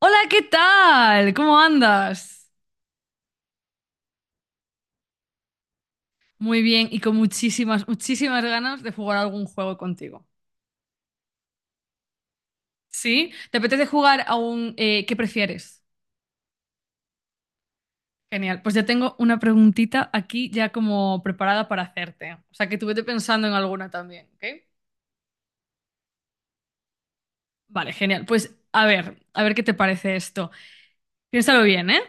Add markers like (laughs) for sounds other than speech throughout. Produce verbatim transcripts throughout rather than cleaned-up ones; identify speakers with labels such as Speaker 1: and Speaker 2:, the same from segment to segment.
Speaker 1: Hola, ¿qué tal? ¿Cómo andas? Muy bien y con muchísimas, muchísimas ganas de jugar a algún juego contigo. ¿Sí? ¿Te apetece jugar a un eh, ¿qué prefieres? Genial. Pues ya tengo una preguntita aquí ya como preparada para hacerte. O sea, que tú vete pensando en alguna también, ¿ok? Vale, genial. Pues a ver, a ver qué te parece esto. Piénsalo bien, ¿eh?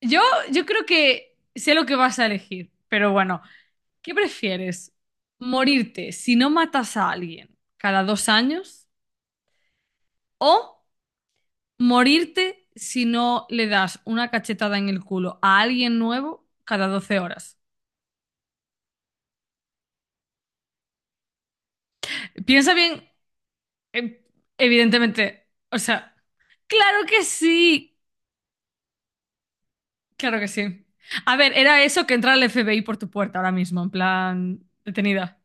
Speaker 1: Yo, yo creo que sé lo que vas a elegir, pero bueno, ¿qué prefieres? ¿Morirte si no matas a alguien cada dos años? O morirte si no le das una cachetada en el culo a alguien nuevo cada doce horas. Piensa bien, eh, evidentemente. O sea, claro que sí. Claro que sí. A ver, era eso que entra el F B I por tu puerta ahora mismo, en plan detenida.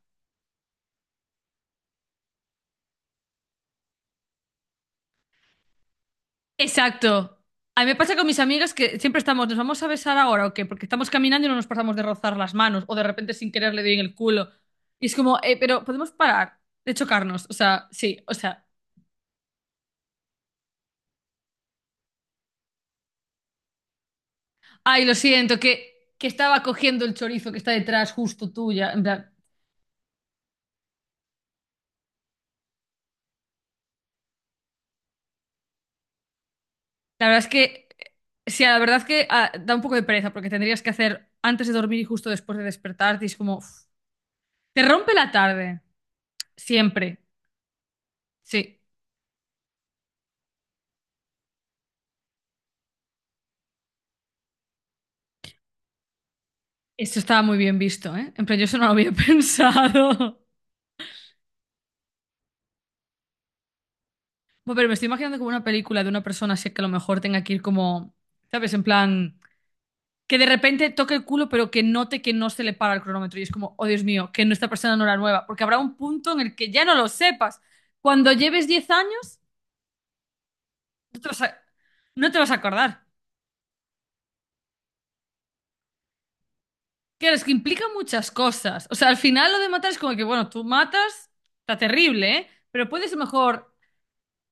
Speaker 1: Exacto. A mí me pasa con mis amigas que siempre estamos, ¿nos vamos a besar ahora o qué? Porque estamos caminando y no nos pasamos de rozar las manos o de repente sin querer le doy en el culo. Y es como, eh, pero podemos parar de chocarnos. O sea, sí, o sea, ay, lo siento, que, que estaba cogiendo el chorizo que está detrás justo tuya. En plan, la verdad es que, sí, la verdad es que ah, da un poco de pereza porque tendrías que hacer antes de dormir y justo después de despertarte y es como, uf, te rompe la tarde, siempre. Sí, esto estaba muy bien visto, ¿eh? En plan, yo eso no lo había (laughs) pensado. Bueno, pero me estoy imaginando como una película de una persona así que a lo mejor tenga que ir como, ¿sabes? En plan... que de repente toque el culo, pero que note que no se le para el cronómetro. Y es como, oh Dios mío, que no está pasando una hora nueva. Porque habrá un punto en el que ya no lo sepas. Cuando lleves diez años, no te vas a, no te vas a acordar. Claro, es que implica muchas cosas. O sea, al final lo de matar es como que, bueno, tú matas, está terrible, ¿eh? Pero puedes a lo mejor,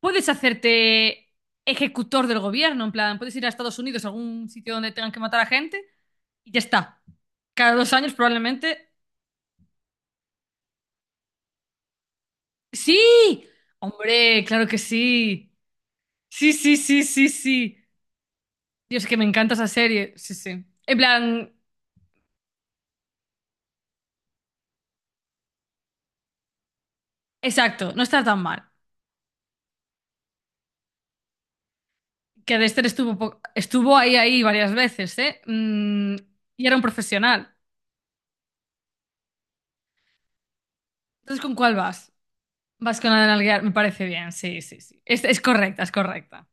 Speaker 1: puedes hacerte ejecutor del gobierno, en plan, puedes ir a Estados Unidos, a algún sitio donde tengan que matar a gente, y ya está. Cada dos años probablemente. ¡Sí! Hombre, claro que sí. Sí, sí, sí, sí, sí. Dios, que me encanta esa serie. Sí, sí. En plan, exacto, no está tan mal. Que Dexter estuvo, po- estuvo ahí, ahí varias veces, ¿eh? Mm, y era un profesional. Entonces, ¿con cuál vas? Vas con la de nalguear. Me parece bien, sí, sí, sí. Es, es correcta, es correcta.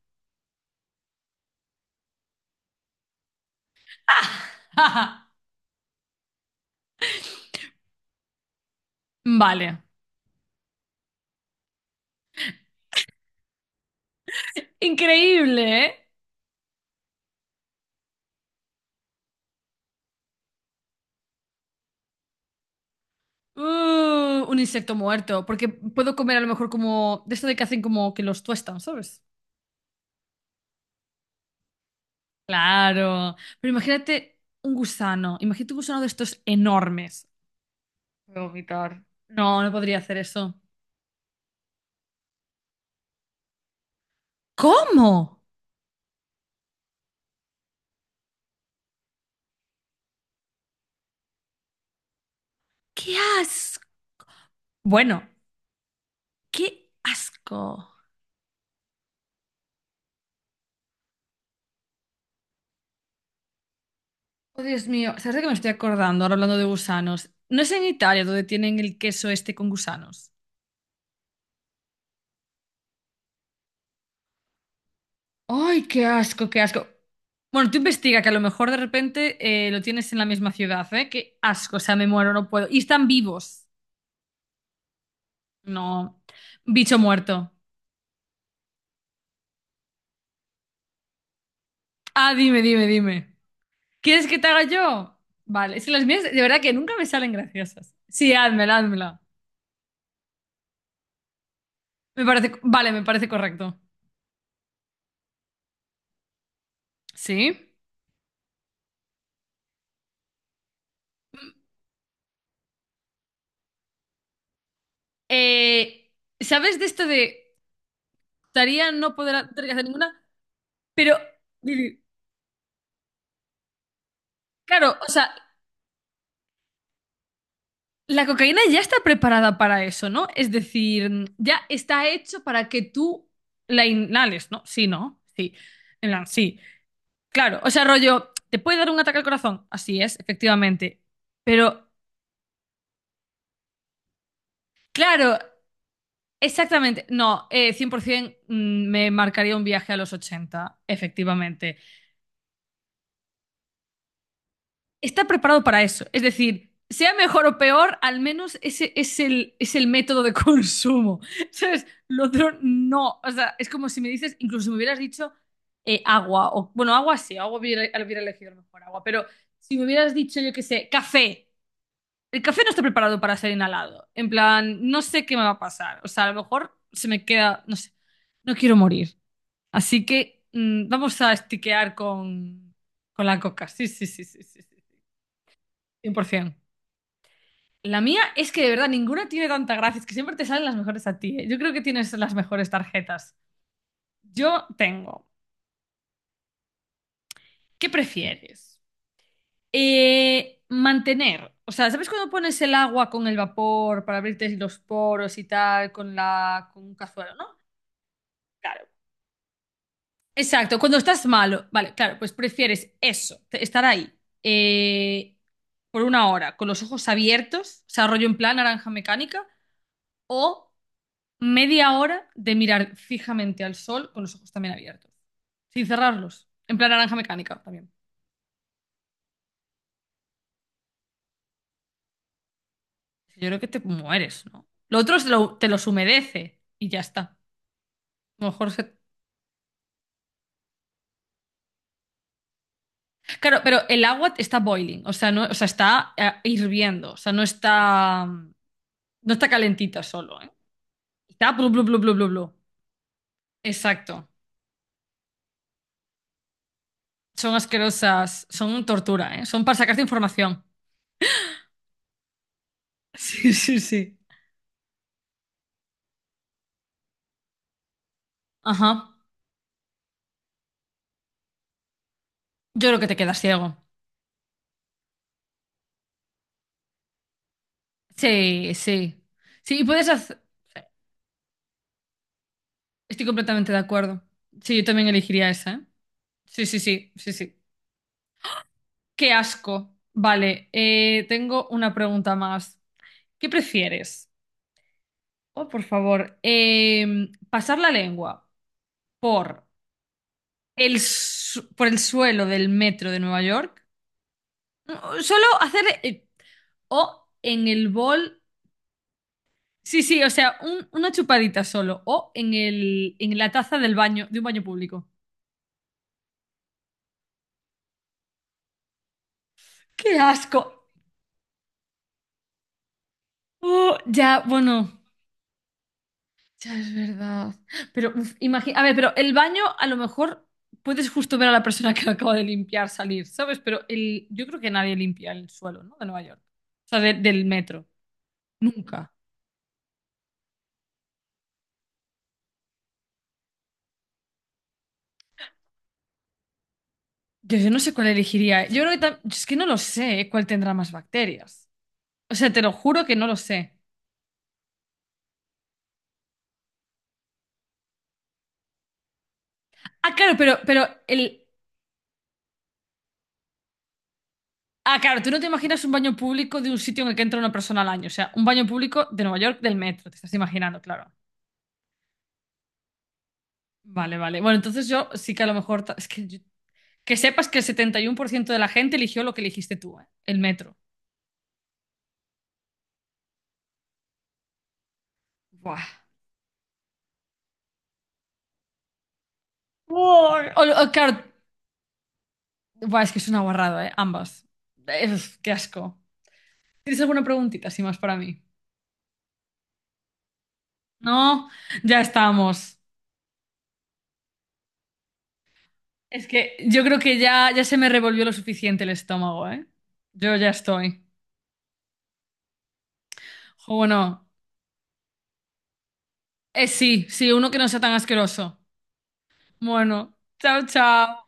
Speaker 1: (laughs) Vale. Increíble, ¿eh? Uh, un insecto muerto. Porque puedo comer a lo mejor como... De esto de que hacen como que los tuestan, ¿sabes? Claro, pero imagínate un gusano, imagínate un gusano de estos enormes. Voy a vomitar. No, no podría hacer eso. ¿Cómo? ¡Qué asco! Bueno, qué asco. Oh, Dios mío, ¿sabes de qué me estoy acordando ahora hablando de gusanos? No es en Italia donde tienen el queso este con gusanos. Ay, qué asco, qué asco. Bueno, tú investiga que a lo mejor de repente eh, lo tienes en la misma ciudad, ¿eh? Qué asco, o sea, me muero, no puedo. Y están vivos. No, bicho muerto. Ah, dime, dime, dime. ¿Quieres que te haga yo? Vale, es que las mías de verdad que nunca me salen graciosas. Sí, házmela, házmela. Me parece, vale, me parece correcto. Sí. Eh, ¿sabes de esto de estaría no poder tener que hacer ninguna? Pero, Lili, claro, o sea, la cocaína ya está preparada para eso, ¿no? Es decir, ya está hecho para que tú la inhales, ¿no? Sí, ¿no? Sí. En plan, sí. Claro, o sea, rollo, ¿te puede dar un ataque al corazón? Así es, efectivamente. Pero claro, exactamente. No, eh, cien por ciento mm, me marcaría un viaje a los ochenta, efectivamente. Está preparado para eso. Es decir, sea mejor o peor, al menos ese es el, es el método de (laughs) consumo. ¿Sabes? Lo otro no. O sea, es como si me dices, incluso si me hubieras dicho eh, agua, o bueno, agua sí, agua hubiera, hubiera elegido a lo mejor agua, pero si me hubieras dicho, yo qué sé, café. El café no está preparado para ser inhalado. En plan, no sé qué me va a pasar. O sea, a lo mejor se me queda, no sé, no quiero morir. Así que mm, vamos a estiquear con, con la coca. Sí, sí, sí, sí, sí, sí, cien por ciento. La mía es que de verdad ninguna tiene tanta gracia, es que siempre te salen las mejores a ti, ¿eh? Yo creo que tienes las mejores tarjetas. Yo tengo. ¿Qué prefieres? Eh, mantener, o sea, ¿sabes cuando pones el agua con el vapor para abrirte los poros y tal con la con un cazuelo, ¿no? Claro. Exacto, cuando estás malo, vale, claro, pues prefieres eso, te- estar ahí eh, por una hora con los ojos abiertos, o sea, rollo en plan naranja mecánica, o media hora de mirar fijamente al sol con los ojos también abiertos, sin cerrarlos, en plan naranja mecánica también. Yo creo que te mueres, ¿no? Lo otro es lo- te los humedece y ya está. A lo mejor se- claro, pero el agua está boiling, o sea, no, o sea, está eh, hirviendo, o sea, no está, no está calentita solo, ¿eh? Está blu, blu, blu, blu, blu, blu. Exacto. Son asquerosas. Son tortura, ¿eh? Son para sacarte información. (laughs) Sí, sí, sí. Ajá. Yo creo que te quedas ciego. Sí, sí. Sí, y puedes hacer... Estoy completamente de acuerdo. Sí, yo también elegiría esa, ¿eh? Sí, sí, sí, sí, sí. Qué asco. Vale, eh, tengo una pregunta más. ¿Qué prefieres? Oh, por favor. Em, pasar la lengua por el, su- por el suelo del metro de Nueva York. No, solo hacer eh, o en el bol. Sí, sí, o sea, un- una chupadita solo. O en el, en la taza del baño, de un baño público. ¡Qué asco! Oh, ya, bueno, ya es verdad. Pero imagina, a ver, pero el baño a lo mejor puedes justo ver a la persona que lo acaba de limpiar salir, ¿sabes? Pero el, yo creo que nadie limpia el suelo, ¿no? De Nueva York. O sea, de- del metro. Nunca. Yo, yo no sé cuál elegiría. Yo creo que tam- es que no lo sé, ¿eh? Cuál tendrá más bacterias. O sea, te lo juro que no lo sé. Ah, claro, pero, pero el. Ah, claro, tú no te imaginas un baño público de un sitio en el que entra una persona al año. O sea, un baño público de Nueva York del metro, te estás imaginando, claro. Vale, vale. Bueno, entonces yo sí que a lo mejor. ta- Es que, yo- que sepas que el setenta y uno por ciento de la gente eligió lo que eligiste tú, ¿eh? El metro. Buah. Buah. O- o, claro. Buah, es que es una guarrada, ¿eh? Ambas. Eh, qué asco. ¿Tienes alguna preguntita así más para mí? No, ya estamos. Es que yo creo que ya, ya se me revolvió lo suficiente el estómago, ¿eh? Yo ya estoy. Jo, bueno, eh, sí, sí, uno que no sea tan asqueroso. Bueno, chao, chao.